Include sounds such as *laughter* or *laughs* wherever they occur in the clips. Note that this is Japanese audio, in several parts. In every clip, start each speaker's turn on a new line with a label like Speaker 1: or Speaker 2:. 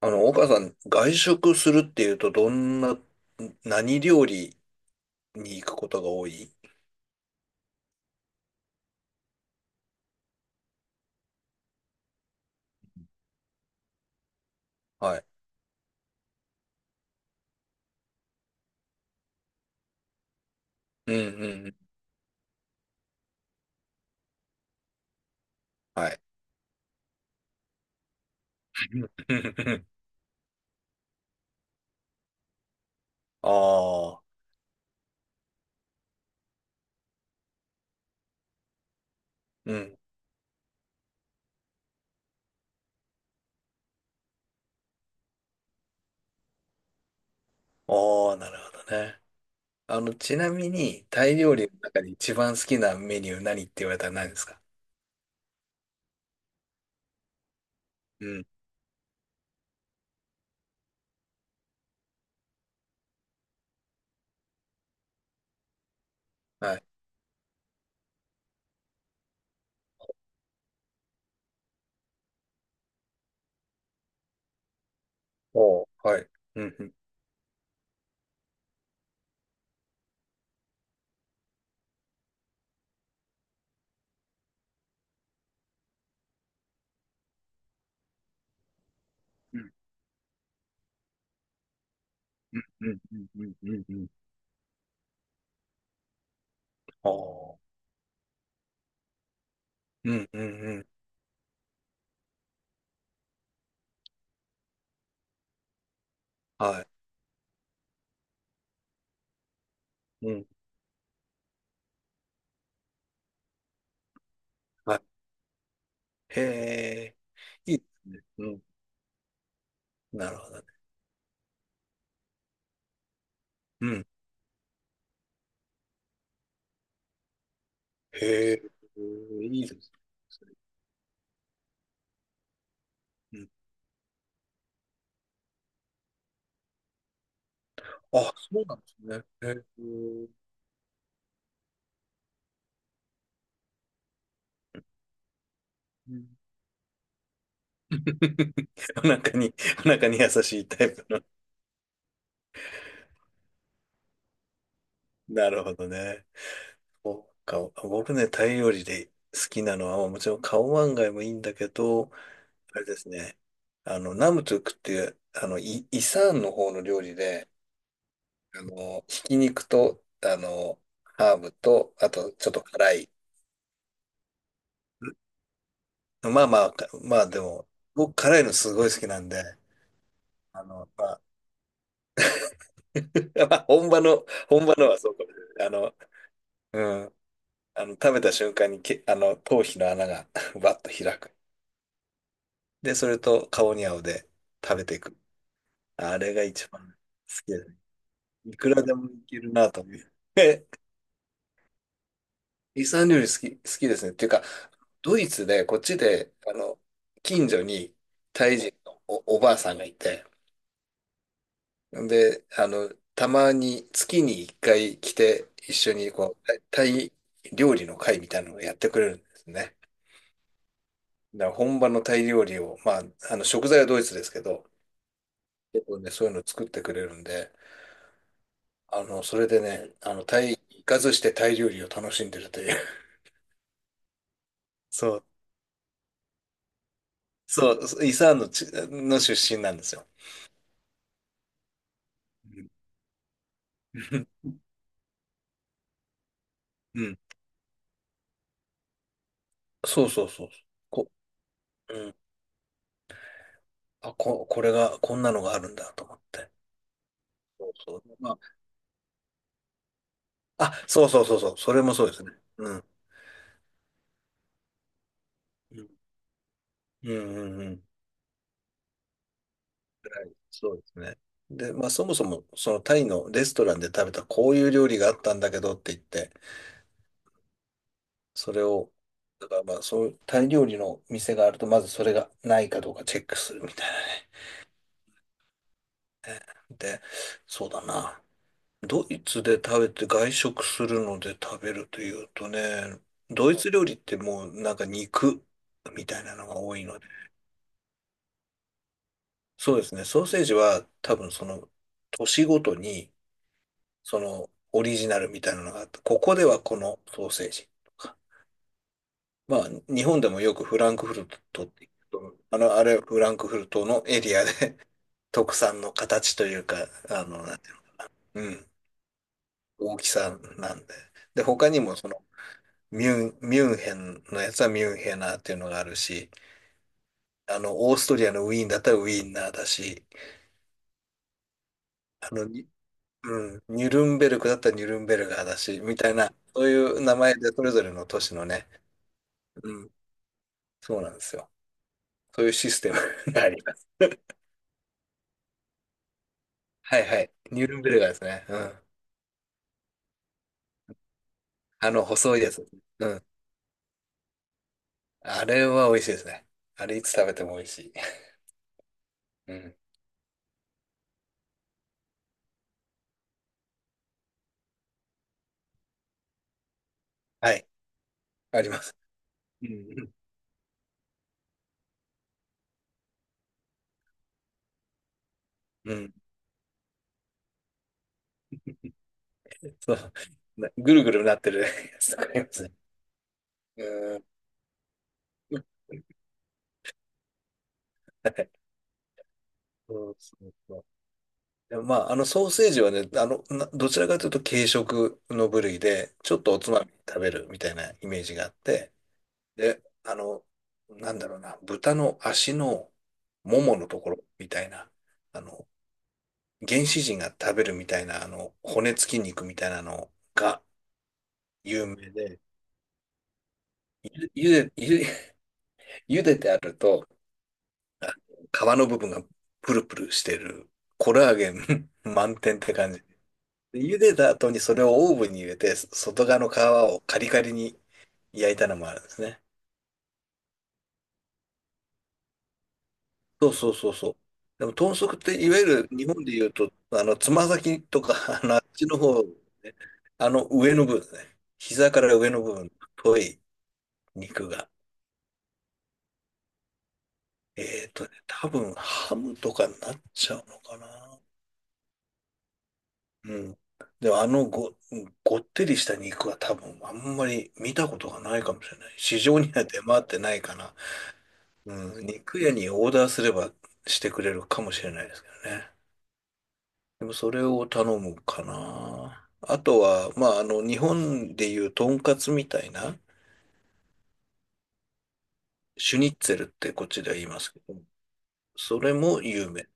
Speaker 1: 岡さん、外食するっていうと、どんな、何料理に行くことが多い。はい。うんうんうん。はい。*laughs* ああ、うん。ああ、なるほどね。ちなみに、タイ料理の中で一番好きなメニュー何って言われたら何ですか？うん。はい。おー、はい。うんうん。うんうんうんうんうんうんうん。ああ、うんうんうん。はい。うん。はい。へえ、いいですね。うん。なるほどね。うん。へえ、いいですね。うん。あ、そうなんですね。へえ、うん。 *laughs* お腹に、お腹に優しいタイプの。なるほどね。そうか、僕ね、タイ料理で好きなのは、もちろんカオマンガイもいいんだけど、あれですね、ナムトゥクっていう、あの、イサンの方の料理で、ひき肉と、ハーブと、あと、ちょっと辛い。まあでも、僕辛いのすごい好きなんで、あの、まあ、*laughs* まあ本場の、本場のはそうかもしれない。うん。食べた瞬間にけ、あの、頭皮の穴が *laughs* バッと開く。で、それと顔に合うで食べていく。あれが一番好きだね。いくらでもいけるなと思う。え、イスラム料理好き、好きですね。っていうか、ドイツで、こっちで、近所にタイ人のおばあさんがいて、で、たまに月に一回来て、一緒にこう、タイ料理の会みたいなのをやってくれるんですね。だから本場のタイ料理を、まあ、あの、食材はドイツですけど、結構ね、そういうのを作ってくれるんで、それでね、あの、行かずしてタイ料理を楽しんでるという。*laughs* そう、そう、イサーンの出身なんですよ。うん。*laughs* うん。そうそうそう。こ、うん。あ、これが、こんなのがあるんだと思って。そうそう。まあ、あ、そうそうそうそう。それもそうですね。うん。うん、うん、うんうん。そうですね。で、まあそもそも、そのタイのレストランで食べたこういう料理があったんだけどって言って、それを、だからまあそういうタイ料理の店があると、まずそれがないかどうかチェックするみたいなね。で、そうだな。ドイツで食べて外食するので食べるというとね、ドイツ料理ってもうなんか肉みたいなのが多いの。そうですね。ソーセージは多分その年ごとにそのオリジナルみたいなのがあって、ここではこのソーセージとか。まあ日本でもよくフランクフルトって言うと、あの、あれはフランクフルトのエリアで *laughs* 特産の形というか、なんていうの、うん、大きさなんで。で、他にもそのミュンヘンのやつはミュンヘナーっていうのがあるし、あの、オーストリアのウィーンだったらウィーンナーだし、あの、うん、ニュルンベルクだったらニュルンベルガーだし、みたいな、そういう名前でそれぞれの都市のね、うん、そうなんですよ。そういうシステム *laughs* があります。はいはい。ニュルンベルガーですね。うん。あの、細いやつ。うん。あれは美味しいですね。あれいつ食べても美味しい。うん。はい。あります。うん。うん。そう。なぐるぐるなってるやつとかありますね。うん。はい。そうそうそう。でもまあ、あのソーセージはね、あの、どちらかというと軽食の部類で、ちょっとおつまみ食べるみたいなイメージがあって、で、あの、なんだろうな、豚の足のもものところみたいな、あの、原始人が食べるみたいな、骨付き肉みたいなのが有名で、ゆ、ゆで、ゆゆでてあると、皮の部分がプルプルしてる、コラーゲン *laughs* 満点って感じ。で茹でた後にそれをオーブンに入れて、外側の皮をカリカリに焼いたのもあるんですね。そうそうそうそう。でも豚足っていわゆる日本で言うと、あの、つま先とか、*laughs* あの、あっちの方、ね、あの上の部分ですね。膝から上の部分、太い肉が。えっとね、多分ハムとかになっちゃうのかな。うん。でも、ごってりした肉は多分あんまり見たことがないかもしれない。市場には出回ってないかな。うん、肉屋にオーダーすればしてくれるかもしれないですけどね。でもそれを頼むかな。あとは、まあ、あの、日本でいうとんかつみたいな、シュニッツェルってこっちでは言いますけど、それも有名。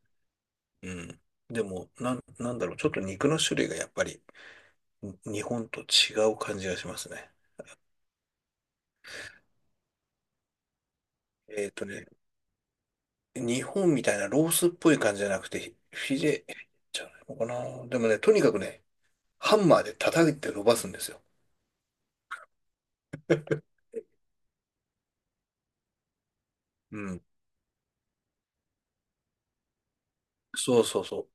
Speaker 1: うん。でも、なんだろう、ちょっと肉の種類がやっぱり日本と違う感じがしますね。えっとね、日本みたいなロースっぽい感じじゃなくて、フィレじゃないのかな。でもね、とにかくね、ハンマーで叩いて伸ばすんですよ。うん、そうそうそ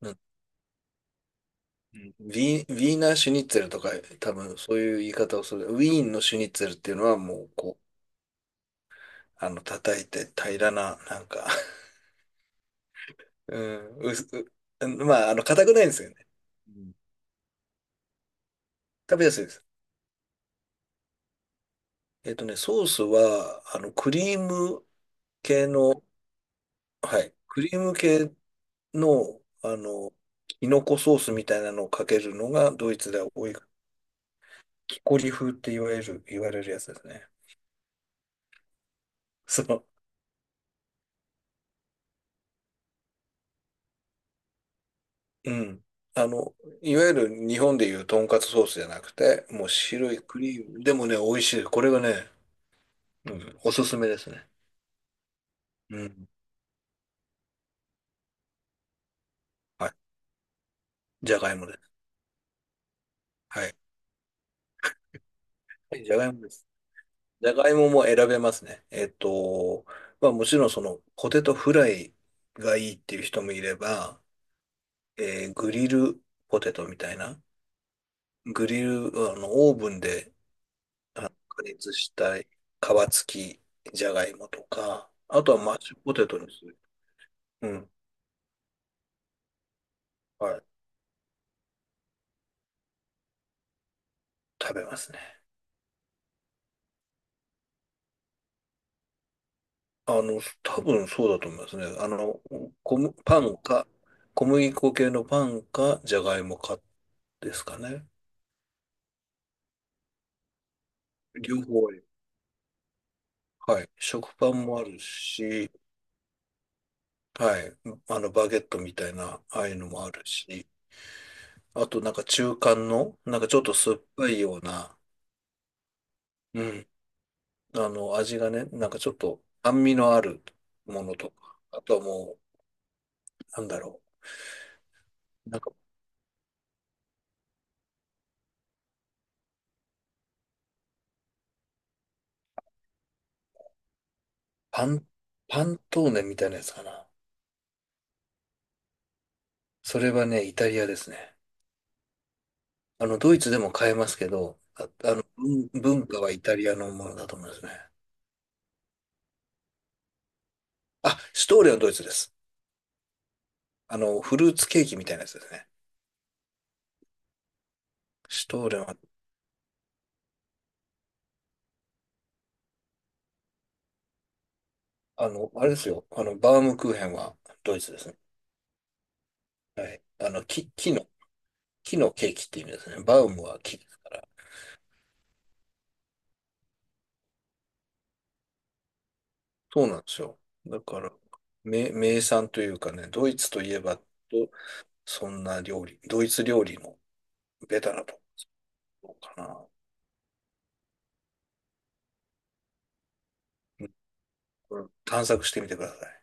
Speaker 1: う。うんうんウィーン、ウィーナーシュニッツェルとか、多分そういう言い方をする。ウィーンのシュニッツェルっていうのはもう、こう、あの、叩いて平らな、なんか *laughs* うん、まあ、あの、硬くないんですよね。うん、食べやすいです。えっとね、ソースは、あの、クリーム系の、はい、クリーム系の、あの、キノコソースみたいなのをかけるのが、ドイツでは多い。キコリ風って言われるやつですね。そう。うん。あの、いわゆる日本でいうとんかつソースじゃなくて、もう白いクリーム。でもね、美味しい。これがね、うん、おすすめですね。うん。はい。じゃがいもです。はい。はい、じゃがいもです。じゃがいもも選べますね。えっと、まあもちろんそのポテトフライがいいっていう人もいれば、えーグリルポテトみたいな。グリル、あの、オーブンであの加熱したい皮付きじゃがいもとか、あとはマッシュポテトにする。はい。食べますね。あの、多分そうだと思いますね。あの、小麦パンか、小麦粉系のパンか、じゃがいもかですかね。両方あり、はい。食パンもあるし、はい。あの、バゲットみたいな、ああいうのもあるし、あとなんか中間の、なんかちょっと酸っぱいような、うん。あの、味がね、なんかちょっと酸味のあるものとか、あとはもう、なんだろう。なんかパン、パントーネみたいなやつかな。それはね、イタリアですね。あの、ドイツでも買えますけど、あ、あの、文化はイタリアのものだと思いますね。あ、シュトーレンはドイツです。あの、フルーツケーキみたいなやつですね。シュトーレンは、あの、あれですよ。あの、バウムクーヘンはドイツですね。はい。あの、木の、木のケーキって意味ですね。バウムは木。そうなんですよ。だから、名産というかね、ドイツといえば、どそんな料理、ドイツ料理のベタなところかな。うん、これ探索してみてください。